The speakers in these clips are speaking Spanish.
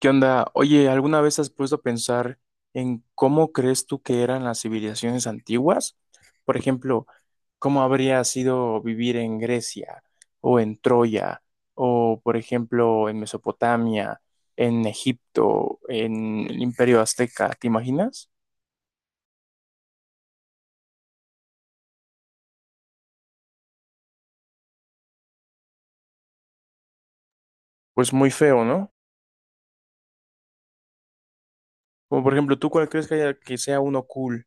¿Qué onda? Oye, ¿alguna vez has puesto a pensar en cómo crees tú que eran las civilizaciones antiguas? Por ejemplo, ¿cómo habría sido vivir en Grecia o en Troya o, por ejemplo, en Mesopotamia, en Egipto, en el Imperio Azteca? ¿Te imaginas? Pues muy feo, ¿no? Como por ejemplo, ¿tú cuál crees que haya que sea uno cool?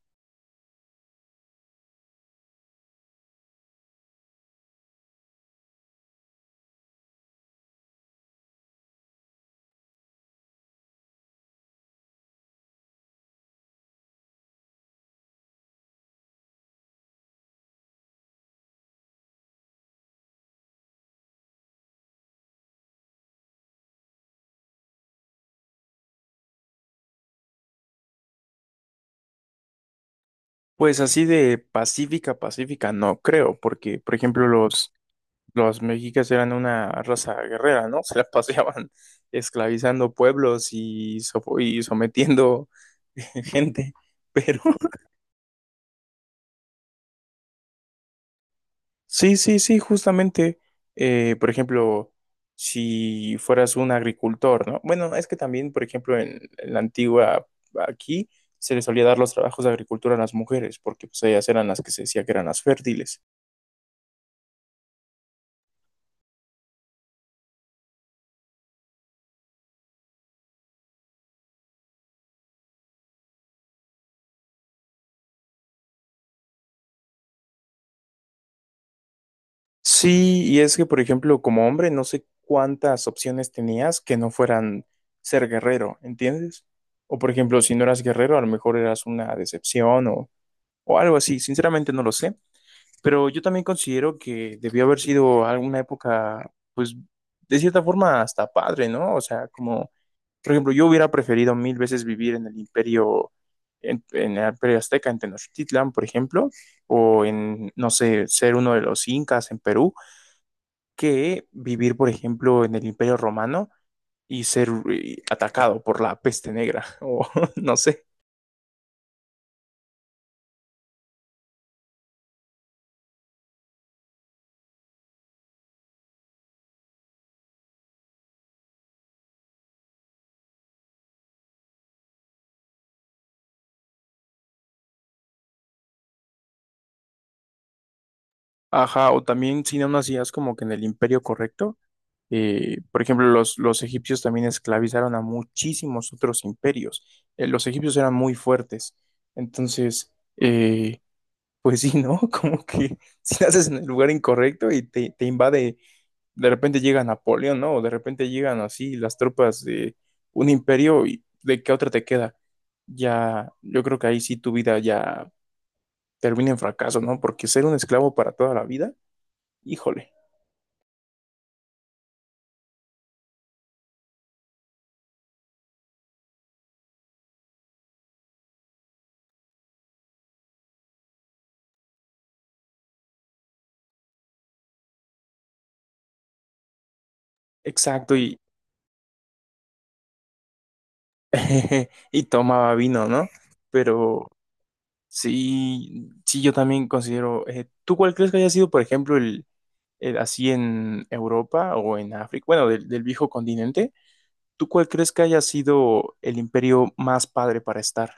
Pues así de pacífica, pacífica, no creo, porque, por ejemplo, los mexicas eran una raza guerrera, ¿no? Se las paseaban esclavizando pueblos y, sofo- y sometiendo gente. Pero sí, sí, sí, justamente, por ejemplo, si fueras un agricultor, ¿no? Bueno, es que también, por ejemplo, en la antigua aquí se les solía dar los trabajos de agricultura a las mujeres, porque pues ellas eran las que se decía que eran las fértiles. Sí, y es que, por ejemplo, como hombre, no sé cuántas opciones tenías que no fueran ser guerrero, ¿entiendes? O, por ejemplo, si no eras guerrero, a lo mejor eras una decepción o algo así. Sinceramente no lo sé, pero yo también considero que debió haber sido alguna época, pues, de cierta forma hasta padre, ¿no? O sea, como, por ejemplo, yo hubiera preferido mil veces vivir en el imperio, en el imperio azteca, en Tenochtitlan, por ejemplo, o en, no sé, ser uno de los incas en Perú que vivir, por ejemplo, en el Imperio Romano y ser atacado por la peste negra, o no sé. Ajá, o también si no nacías como que en el Imperio correcto, por ejemplo, los egipcios también esclavizaron a muchísimos otros imperios. Los egipcios eran muy fuertes. Entonces, pues sí, ¿no? Como que si naces en el lugar incorrecto y te invade, de repente llega Napoleón, ¿no? O de repente llegan así las tropas de un imperio y ¿de qué otra te queda? Ya, yo creo que ahí sí tu vida ya termina en fracaso, ¿no? Porque ser un esclavo para toda la vida, híjole. Exacto, y, y tomaba vino, ¿no? Pero sí, sí, yo también considero, ¿tú cuál crees que haya sido, por ejemplo, el así en Europa o en África, bueno, del viejo continente, ¿tú cuál crees que haya sido el imperio más padre para estar?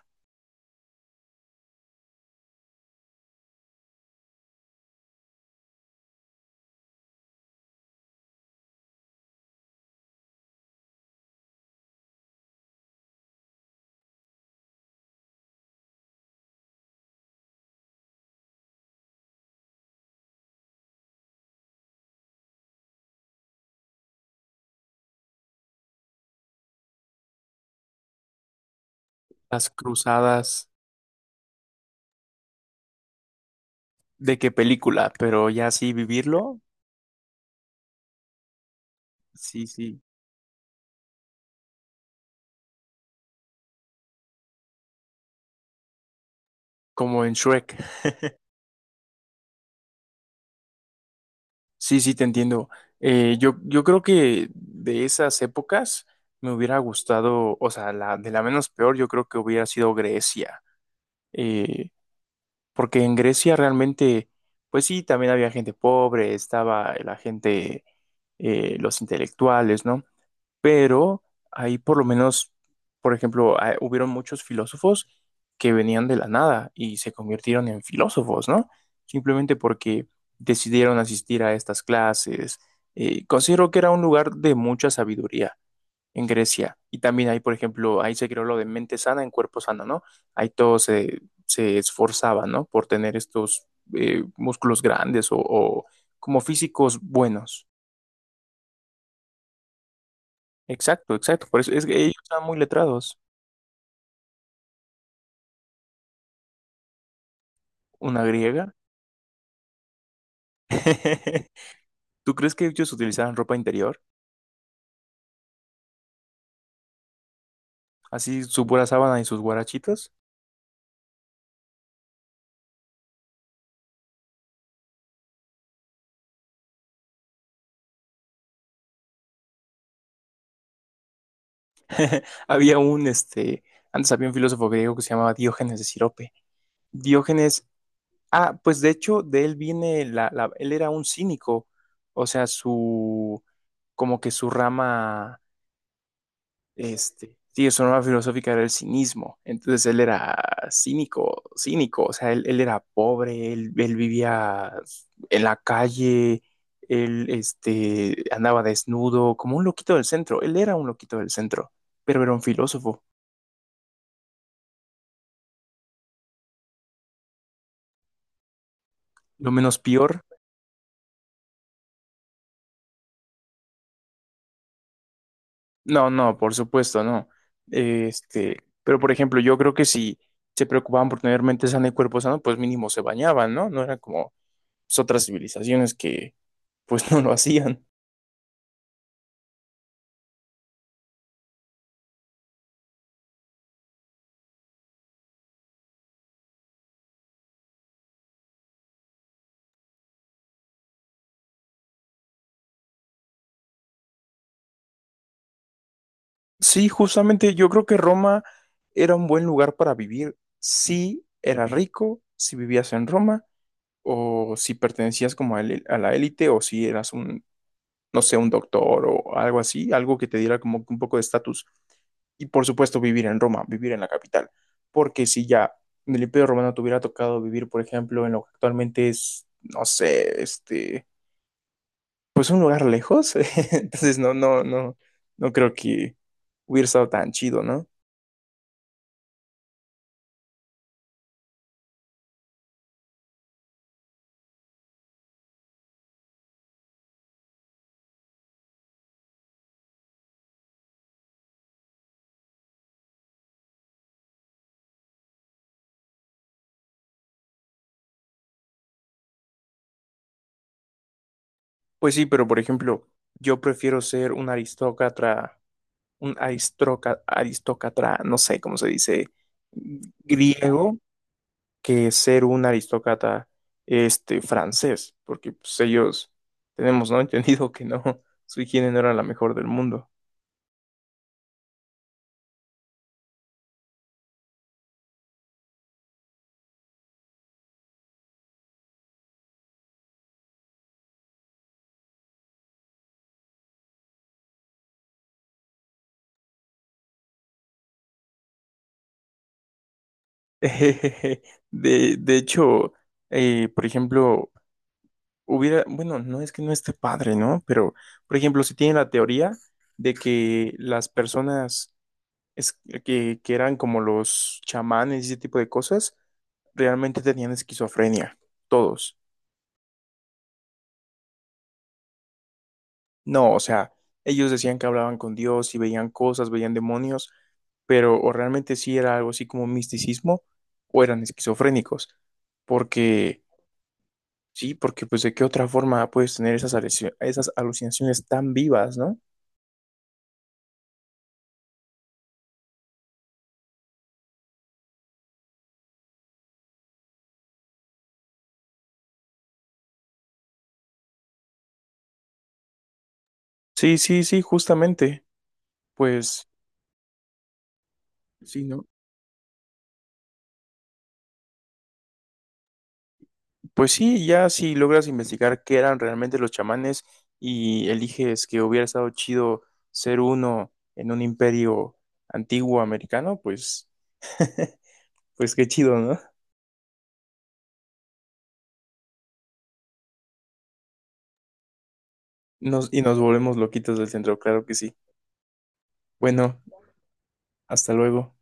Las cruzadas, ¿de qué película? Pero ya sí vivirlo, sí, sí, como en Shrek. Sí, sí, te entiendo. Yo creo que de esas épocas me hubiera gustado, o sea, la, de la menos peor, yo creo que hubiera sido Grecia. Eh, porque en Grecia realmente, pues sí, también había gente pobre, estaba la gente los intelectuales, ¿no? Pero ahí por lo menos, por ejemplo, ah, hubieron muchos filósofos que venían de la nada y se convirtieron en filósofos, ¿no? Simplemente porque decidieron asistir a estas clases. Considero que era un lugar de mucha sabiduría en Grecia. Y también ahí, por ejemplo, ahí se creó lo de mente sana en cuerpo sano, ¿no? Ahí todos se, se esforzaban, ¿no? Por tener estos músculos grandes o como físicos buenos. Exacto, exacto. Por eso es que ellos estaban muy letrados. Una griega. ¿Tú crees que ellos utilizaban ropa interior? Así su pura sábana y sus guarachitos. Había un, este, antes había un filósofo griego que se llamaba Diógenes de Sirope. Diógenes, ah, pues de hecho, de él viene la, la- él era un cínico. O sea, su, como que su rama este, sí, su norma filosófica era el cinismo. Entonces él era cínico, cínico. O sea, él era pobre, él vivía en la calle, él este, andaba desnudo, como un loquito del centro. Él era un loquito del centro, pero era un filósofo. Lo menos peor. No, no, por supuesto, no. Este, pero por ejemplo, yo creo que si se preocupaban por tener mente sana y cuerpo sano, pues mínimo se bañaban, ¿no? No eran como pues, otras civilizaciones que pues no lo hacían. Sí, justamente yo creo que Roma era un buen lugar para vivir si eras rico, si vivías en Roma, o si pertenecías como a la élite, o si eras un, no sé, un doctor o algo así, algo que te diera como que un poco de estatus. Y por supuesto vivir en Roma, vivir en la capital, porque si ya en el Imperio Romano te hubiera tocado vivir, por ejemplo, en lo que actualmente es, no sé, este, pues un lugar lejos, entonces no, no, no, no creo que hubiera estado tan chido, ¿no? Pues sí, pero por ejemplo, yo prefiero ser un aristócrata, un aristroca- aristócrata, no sé cómo se dice, griego, que ser un aristócrata este, francés, porque pues, ellos tenemos, ¿no? Entendido que no, su higiene no era la mejor del mundo. De hecho, por ejemplo, hubiera, bueno, no es que no esté padre, ¿no? Pero, por ejemplo, se tiene la teoría de que las personas es que eran como los chamanes y ese tipo de cosas, realmente tenían esquizofrenia, todos. No, o sea, ellos decían que hablaban con Dios y veían cosas, veían demonios, pero o realmente sí era algo así como misticismo o eran esquizofrénicos, porque sí, porque pues de qué otra forma puedes tener esas, aluci- esas alucinaciones tan vivas, ¿no? Sí, sí, sí, justamente, pues sí, ¿no? Pues sí, ya si logras investigar qué eran realmente los chamanes y eliges que hubiera estado chido ser uno en un imperio antiguo americano, pues, pues qué chido, ¿no? Nos, y nos volvemos loquitos del centro, claro que sí. Bueno, hasta luego.